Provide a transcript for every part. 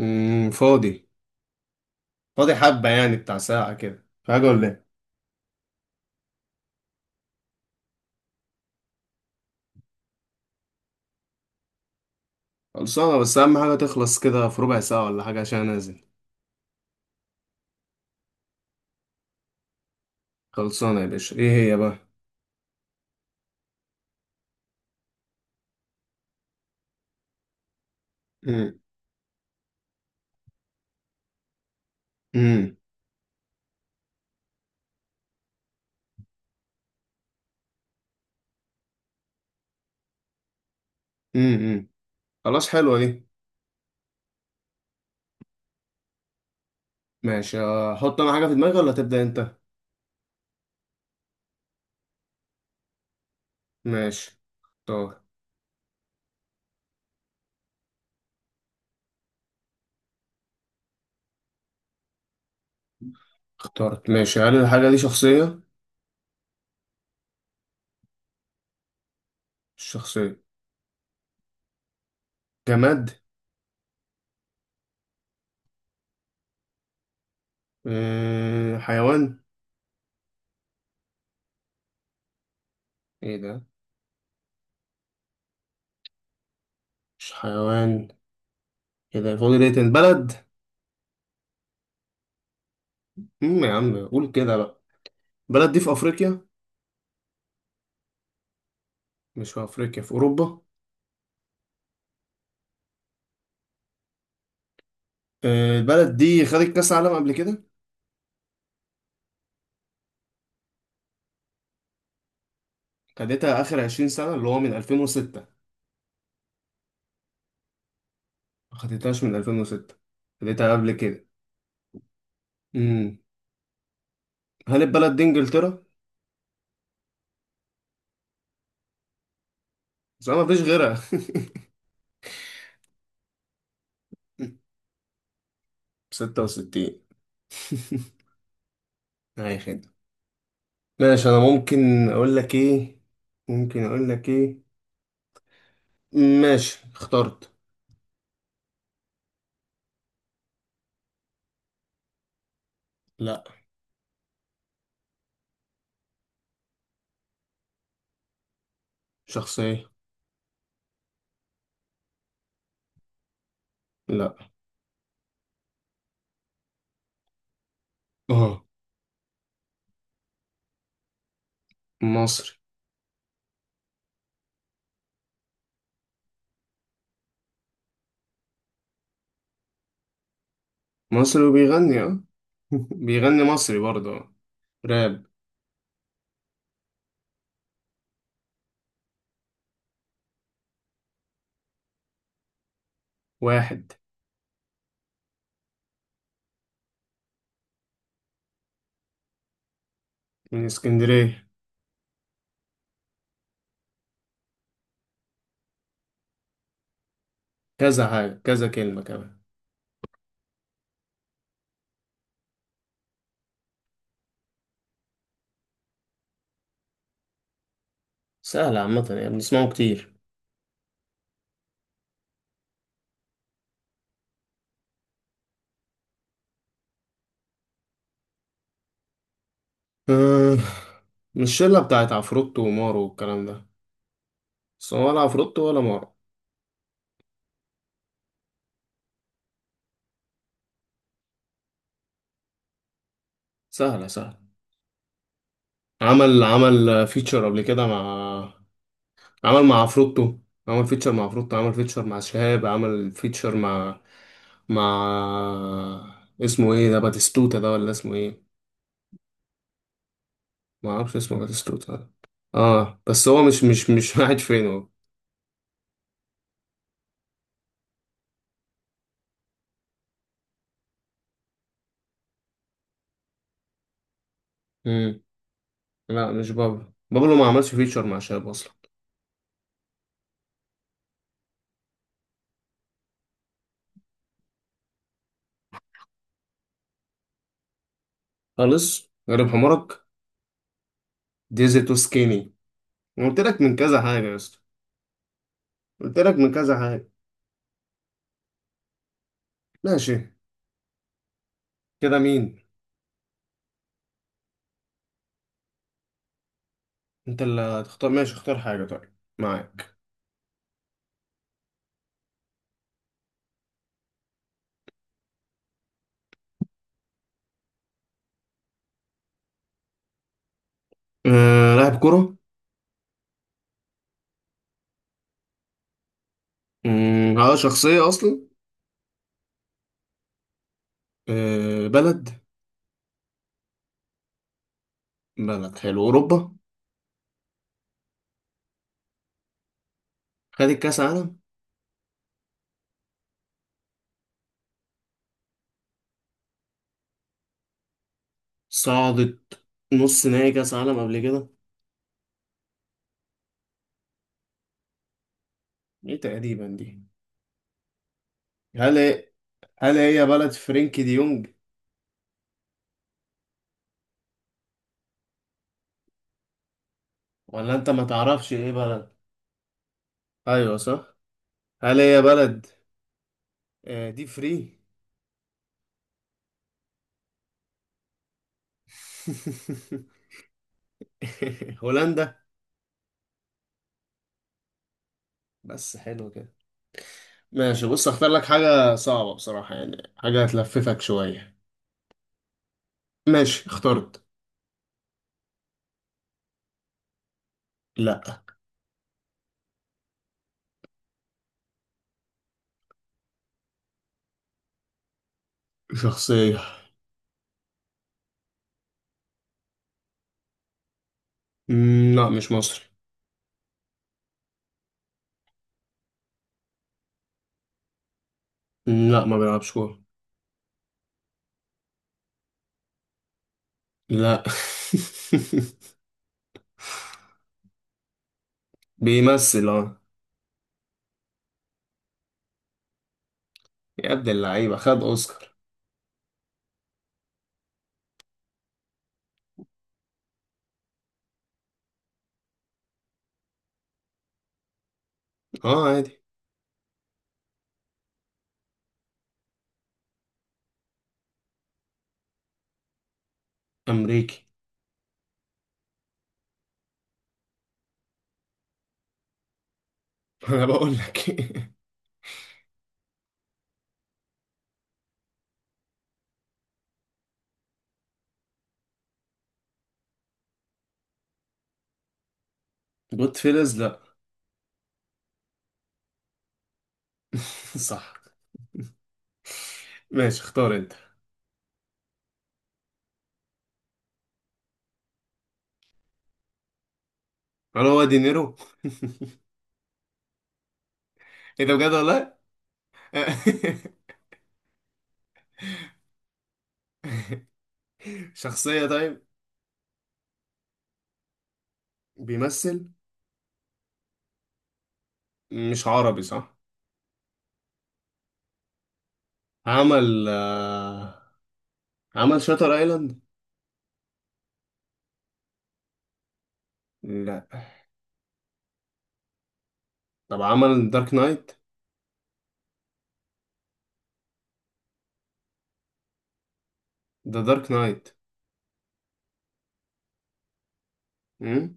فاضي. فاضي حبة، يعني بتاع ساعة كده، في حاجة ولا ايه؟ خلصانة، بس أهم حاجة تخلص كده في ربع ساعة ولا حاجة عشان أنزل. خلصانة يا باشا. إيه هي بقى؟ امم امم امم خلاص، حلوة دي. ماشي، أحط أنا حاجة في دماغي ولا تبدأ أنت؟ ماشي، اختار. اخترت. ماشي، هل الحاجة دي شخصية؟ مش شخصية. جماد؟ أه، حيوان؟ إيه ده؟ مش حيوان؟ كده فاضي ليه؟ تاني، بلد؟ يا عم قول كده بقى. بلد دي في أفريقيا؟ مش في أفريقيا، في أوروبا. البلد دي خدت كأس عالم قبل كده؟ خدتها آخر 20 سنة، اللي هو من 2006؟ ما خدتهاش من 2006، خدتها قبل كده. امم هل البلد دي إنجلترا؟ بس أنا مفيش غيرها. 66. أي خدمة. ماشي، أنا ممكن أقول لك إيه ممكن أقول لك إيه؟ ماشي، اخترت. لا. شخصية. لا. اه. مصري. مصري وبيغني، اه. بيغني مصري برضه، آه. راب. واحد من اسكندرية. كذا حاجة، كذا كلمة كمان. سهلة عامة يعني، بنسمعه كتير. آه، مش الشلة بتاعت عفروتو ومارو والكلام ده؟ بس هو ولا عفروتو ولا مارو. سهلة، سهلة. عمل فيتشر قبل كده مع. عمل مع عفروتو. عمل فيتشر مع عفروتو، عمل فيتشر مع شهاب، عمل فيتشر مع مع اسمه ايه ده؟ باتيستوتا ده ولا اسمه ايه؟ ما اعرفش اسمه باتيستوتا ده. اه، بس هو مش قاعد فين هو؟ مم. لا، مش بابلو. بابلو ما عملش فيتشر مع شهاب اصلا. خالص، غريب حمارك. ديزل تو سكيني. أنا قلت لك من كذا حاجة يا اسطى. قلت لك من كذا حاجة. ماشي، كده مين؟ انت اللي هتختار. ماشي، اختار حاجة طيب، معاك. أه، لاعب كرة؟ مم، اه، شخصية أصلا؟ أه، بلد؟ بلد، حلو. أوروبا؟ خدت كأس عالم؟ صعدت نص نهائي كأس عالم قبل كده؟ ايه تقريبا دي؟ هل هل هي بلد فرينكي دي يونج؟ ولا انت ما تعرفش ايه بلد؟ ايوه، صح. هل هي بلد، دي فري. هولندا. بس حلو كده. ماشي، بص، اختار لك حاجة صعبة بصراحة يعني، حاجة هتلففك شوية. ماشي، اخترت. لا. شخصية. لا، مش مصري. لا، ما بيلعبش كورة. لا. بيمثل، اه. يا ابن اللعيبة، خد اوسكار. اه، عادي. امريكي. انا بقول لك. جود فيلز؟ لا. صح. ماشي، اختار انت. هل هو دينيرو؟ ايه ده؟ بجد ولا؟ شخصية، طيب. بيمثل؟ مش عربي، صح؟ عمل آه، عمل شاتر ايلاند؟ لا. طب، عمل دارك نايت؟ ده دارك نايت. مم؟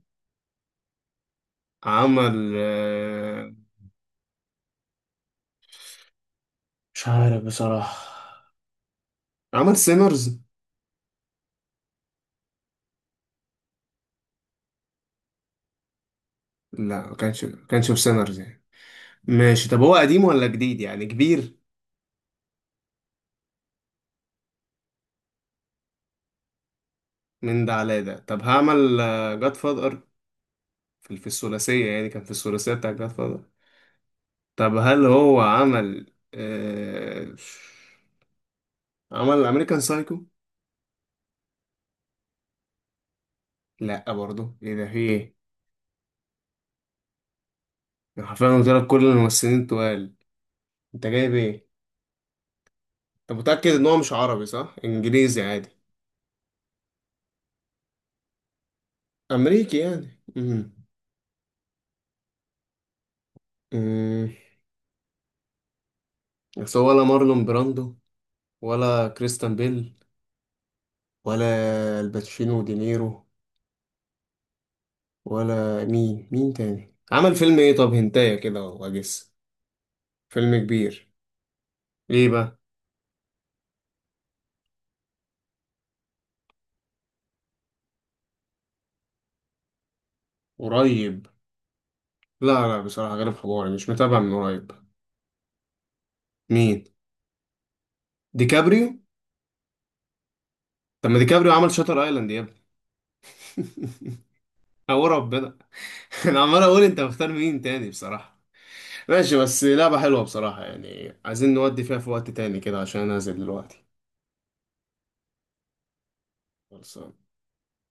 عمل، مش عارف بصراحة. عمل سينرز؟ لا، ما كانش في سينرز يعني. ماشي، طب هو قديم ولا جديد يعني كبير؟ من ده على ده. طب، هعمل جاد فاذر. في الثلاثية يعني، كان في الثلاثية بتاع جاد فاذر؟ طب، هل هو عمل عمل امريكان سايكو؟ لا برضه. ايه ده؟ في ايه؟ يعني حرفيا قلت لك كل الممثلين التقال. انت جايب ايه؟ انت متأكد ان هو مش عربي صح؟ انجليزي عادي؟ امريكي يعني، امم بس هو ولا مارلون براندو، ولا كريستان بيل، ولا الباتشينو ودينيرو، ولا مين تاني عمل فيلم ايه؟ طب هنتايا كده واجس. فيلم كبير. ايه بقى؟ قريب؟ لا، لا، بصراحة غير حواري مش متابع من قريب. مين؟ ديكابريو؟ طب ما ديكابريو عمل شاتر ايلاند يا ابني! او ربنا. انا عمال اقول انت مختار مين تاني بصراحة. ماشي، بس لعبة حلوة بصراحة يعني، عايزين نودي فيها في وقت تاني كده عشان أنا نازل دلوقتي. خلاص.